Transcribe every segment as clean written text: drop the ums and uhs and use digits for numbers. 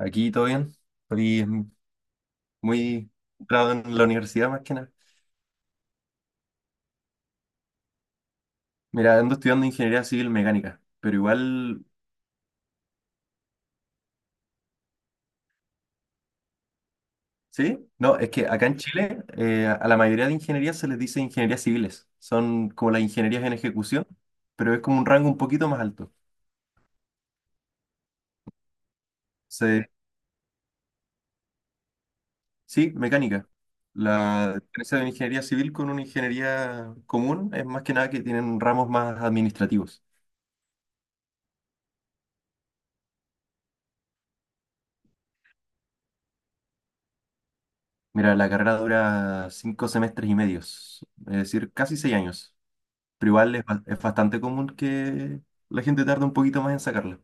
Aquí todo bien. Estoy muy centrado en la universidad más que nada. Mira, ando estudiando ingeniería civil mecánica, pero igual, ¿sí? No, es que acá en Chile a la mayoría de ingenierías se les dice ingenierías civiles. Son como las ingenierías en ejecución, pero es como un rango un poquito más alto. Se- sí, mecánica. La diferencia de una ingeniería civil con una ingeniería común es más que nada que tienen ramos más administrativos. Mira, la carrera dura 5 semestres y medios, es decir, casi 6 años. Pero igual es bastante común que la gente tarde un poquito más en sacarlo.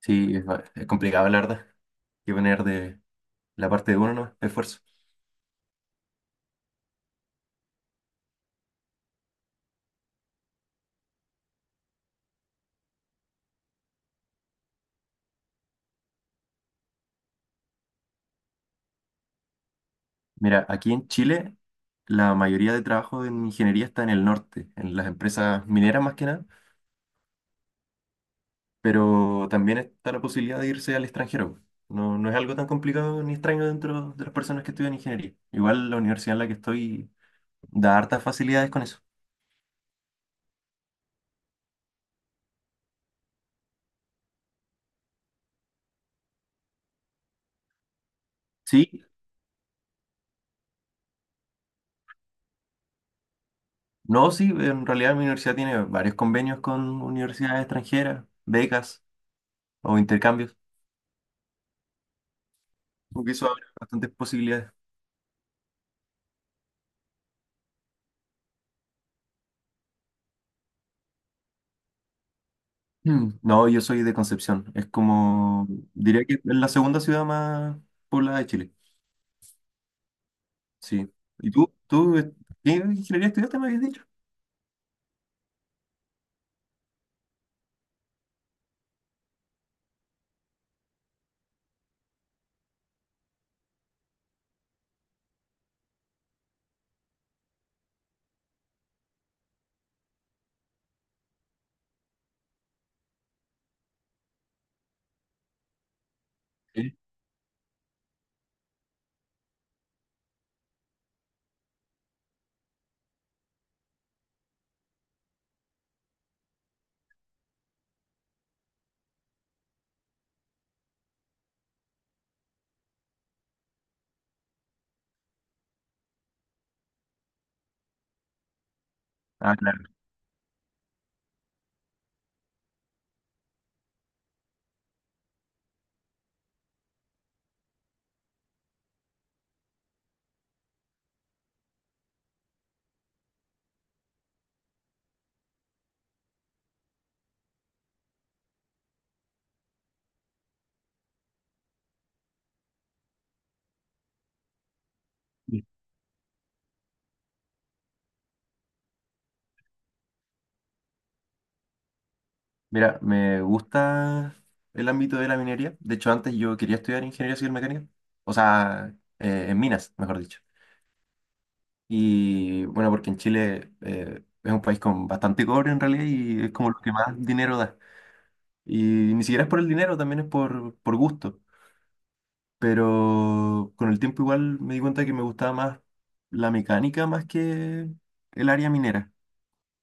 Sí, es complicado, la verdad. Hay que poner de la parte de uno, ¿no? Esfuerzo. Mira, aquí en Chile, la mayoría de trabajo en ingeniería está en el norte, en las empresas mineras más que nada, pero también está la posibilidad de irse al extranjero. No, no es algo tan complicado ni extraño dentro de las personas que estudian ingeniería. Igual la universidad en la que estoy da hartas facilidades con eso. Sí, no, sí, en realidad mi universidad tiene varios convenios con universidades extranjeras, becas o intercambios, porque eso abre bastantes posibilidades. Mm. No, yo soy de Concepción, es como, diría que es la segunda ciudad más poblada de Chile, sí. ¿Y tú? ¿Tú qué ingeniería estudiaste, me habías dicho? Sí. Ah, claro. Sí. Mira, me gusta el ámbito de la minería, de hecho antes yo quería estudiar ingeniería civil mecánica, o sea, en minas, mejor dicho. Y bueno, porque en Chile es un país con bastante cobre en realidad y es como lo que más dinero da. Y ni siquiera es por el dinero, también es por gusto. Pero con el tiempo igual me di cuenta que me gustaba más la mecánica más que el área minera.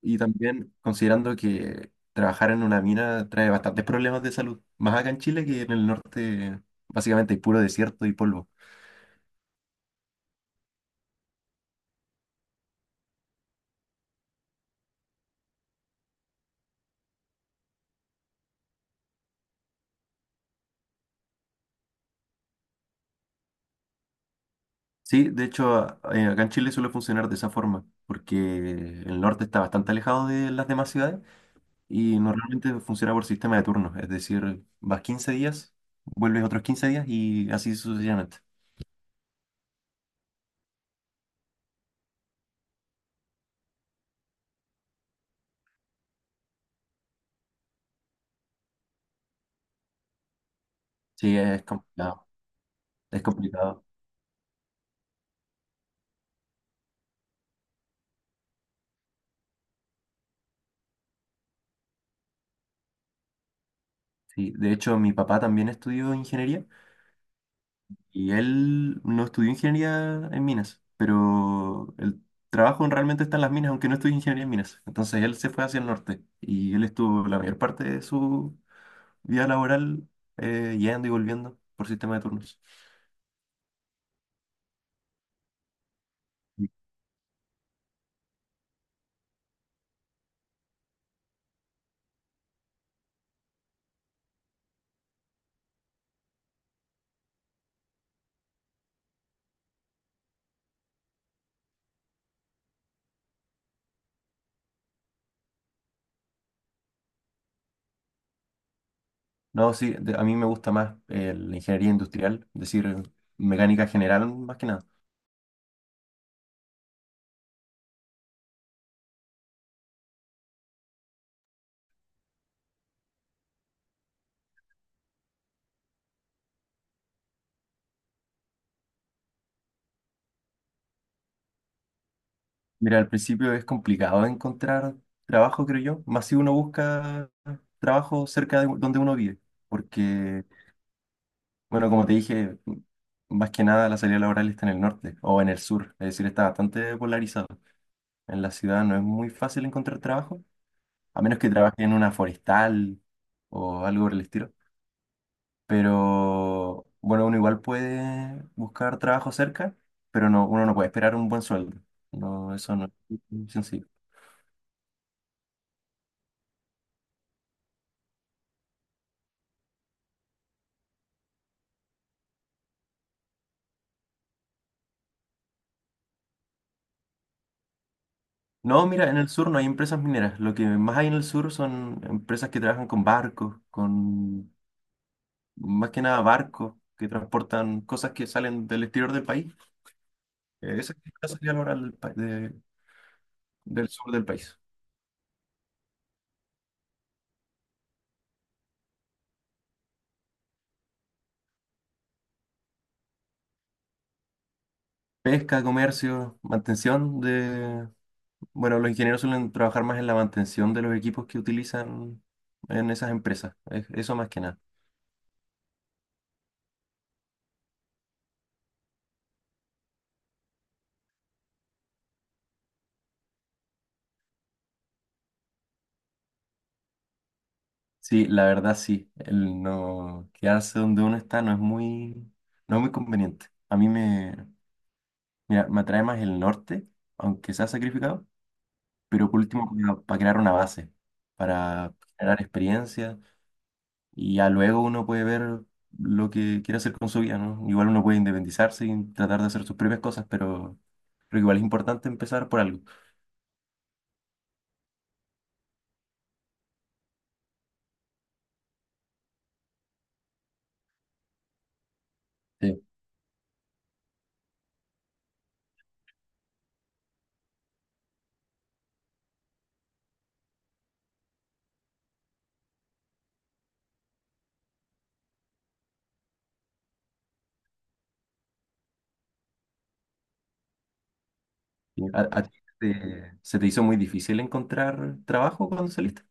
Y también considerando que trabajar en una mina trae bastantes problemas de salud, más acá en Chile que en el norte básicamente hay puro desierto y polvo. Sí, de hecho, acá en Chile suele funcionar de esa forma, porque el norte está bastante alejado de las demás ciudades y normalmente funciona por sistema de turnos, es decir, vas 15 días, vuelves otros 15 días y así sucesivamente. Sí, es complicado, es complicado. Sí, de hecho, mi papá también estudió ingeniería y él no estudió ingeniería en minas, pero el trabajo realmente está en las minas, aunque no estudió ingeniería en minas. Entonces él se fue hacia el norte y él estuvo la mayor parte de su vía laboral, yendo y volviendo por sistema de turnos. No, sí, a mí me gusta más la ingeniería industrial, es decir, mecánica general más que nada. Mira, al principio es complicado encontrar trabajo, creo yo, más si uno busca trabajo cerca de donde uno vive, porque, bueno, como te dije, más que nada la salida laboral está en el norte o en el sur, es decir, está bastante polarizado. En la ciudad no es muy fácil encontrar trabajo, a menos que trabaje en una forestal o algo por el estilo. Pero bueno, uno igual puede buscar trabajo cerca, pero no, uno no puede esperar un buen sueldo. No, eso no es muy sencillo. No, mira, en el sur no hay empresas mineras. Lo que más hay en el sur son empresas que trabajan con barcos, con más que nada barcos que transportan cosas que salen del exterior del país. Esa es la salida laboral del sur del país. Pesca, comercio, mantención de Bueno, los ingenieros suelen trabajar más en la mantención de los equipos que utilizan en esas empresas. Eso más que nada. Sí, la verdad sí. El no quedarse donde uno está no es muy, no es muy conveniente. A mí me, mira, me atrae más el norte, aunque sea sacrificado, pero por último para, crear una base, para generar experiencia y ya luego uno puede ver lo que quiere hacer con su vida, ¿no? Igual uno puede independizarse y tratar de hacer sus propias cosas, pero igual es importante empezar por algo. Sí. Sí, ¿A ti se te hizo muy difícil encontrar trabajo cuando saliste?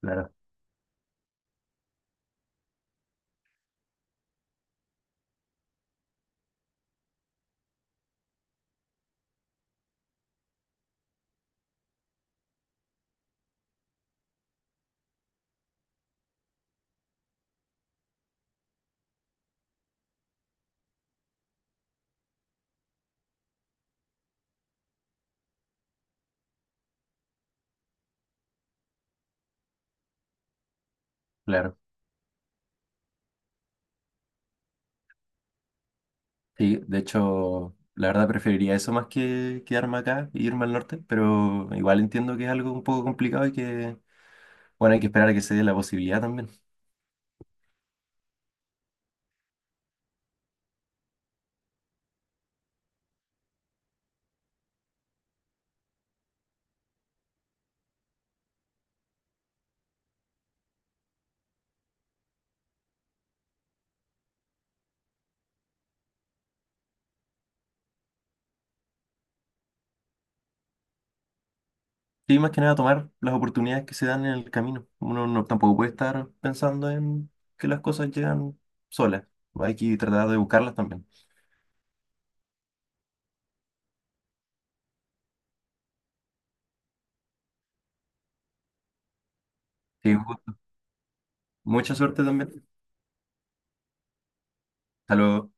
Claro, claro. Sí, de hecho, la verdad preferiría eso más que quedarme acá e irme al norte, pero igual entiendo que es algo un poco complicado y que, bueno, hay que esperar a que se dé la posibilidad también. Sí, más que nada tomar las oportunidades que se dan en el camino. Uno no, tampoco puede estar pensando en que las cosas llegan solas. Hay que tratar de buscarlas también. Sí, mucha suerte también. Hasta luego.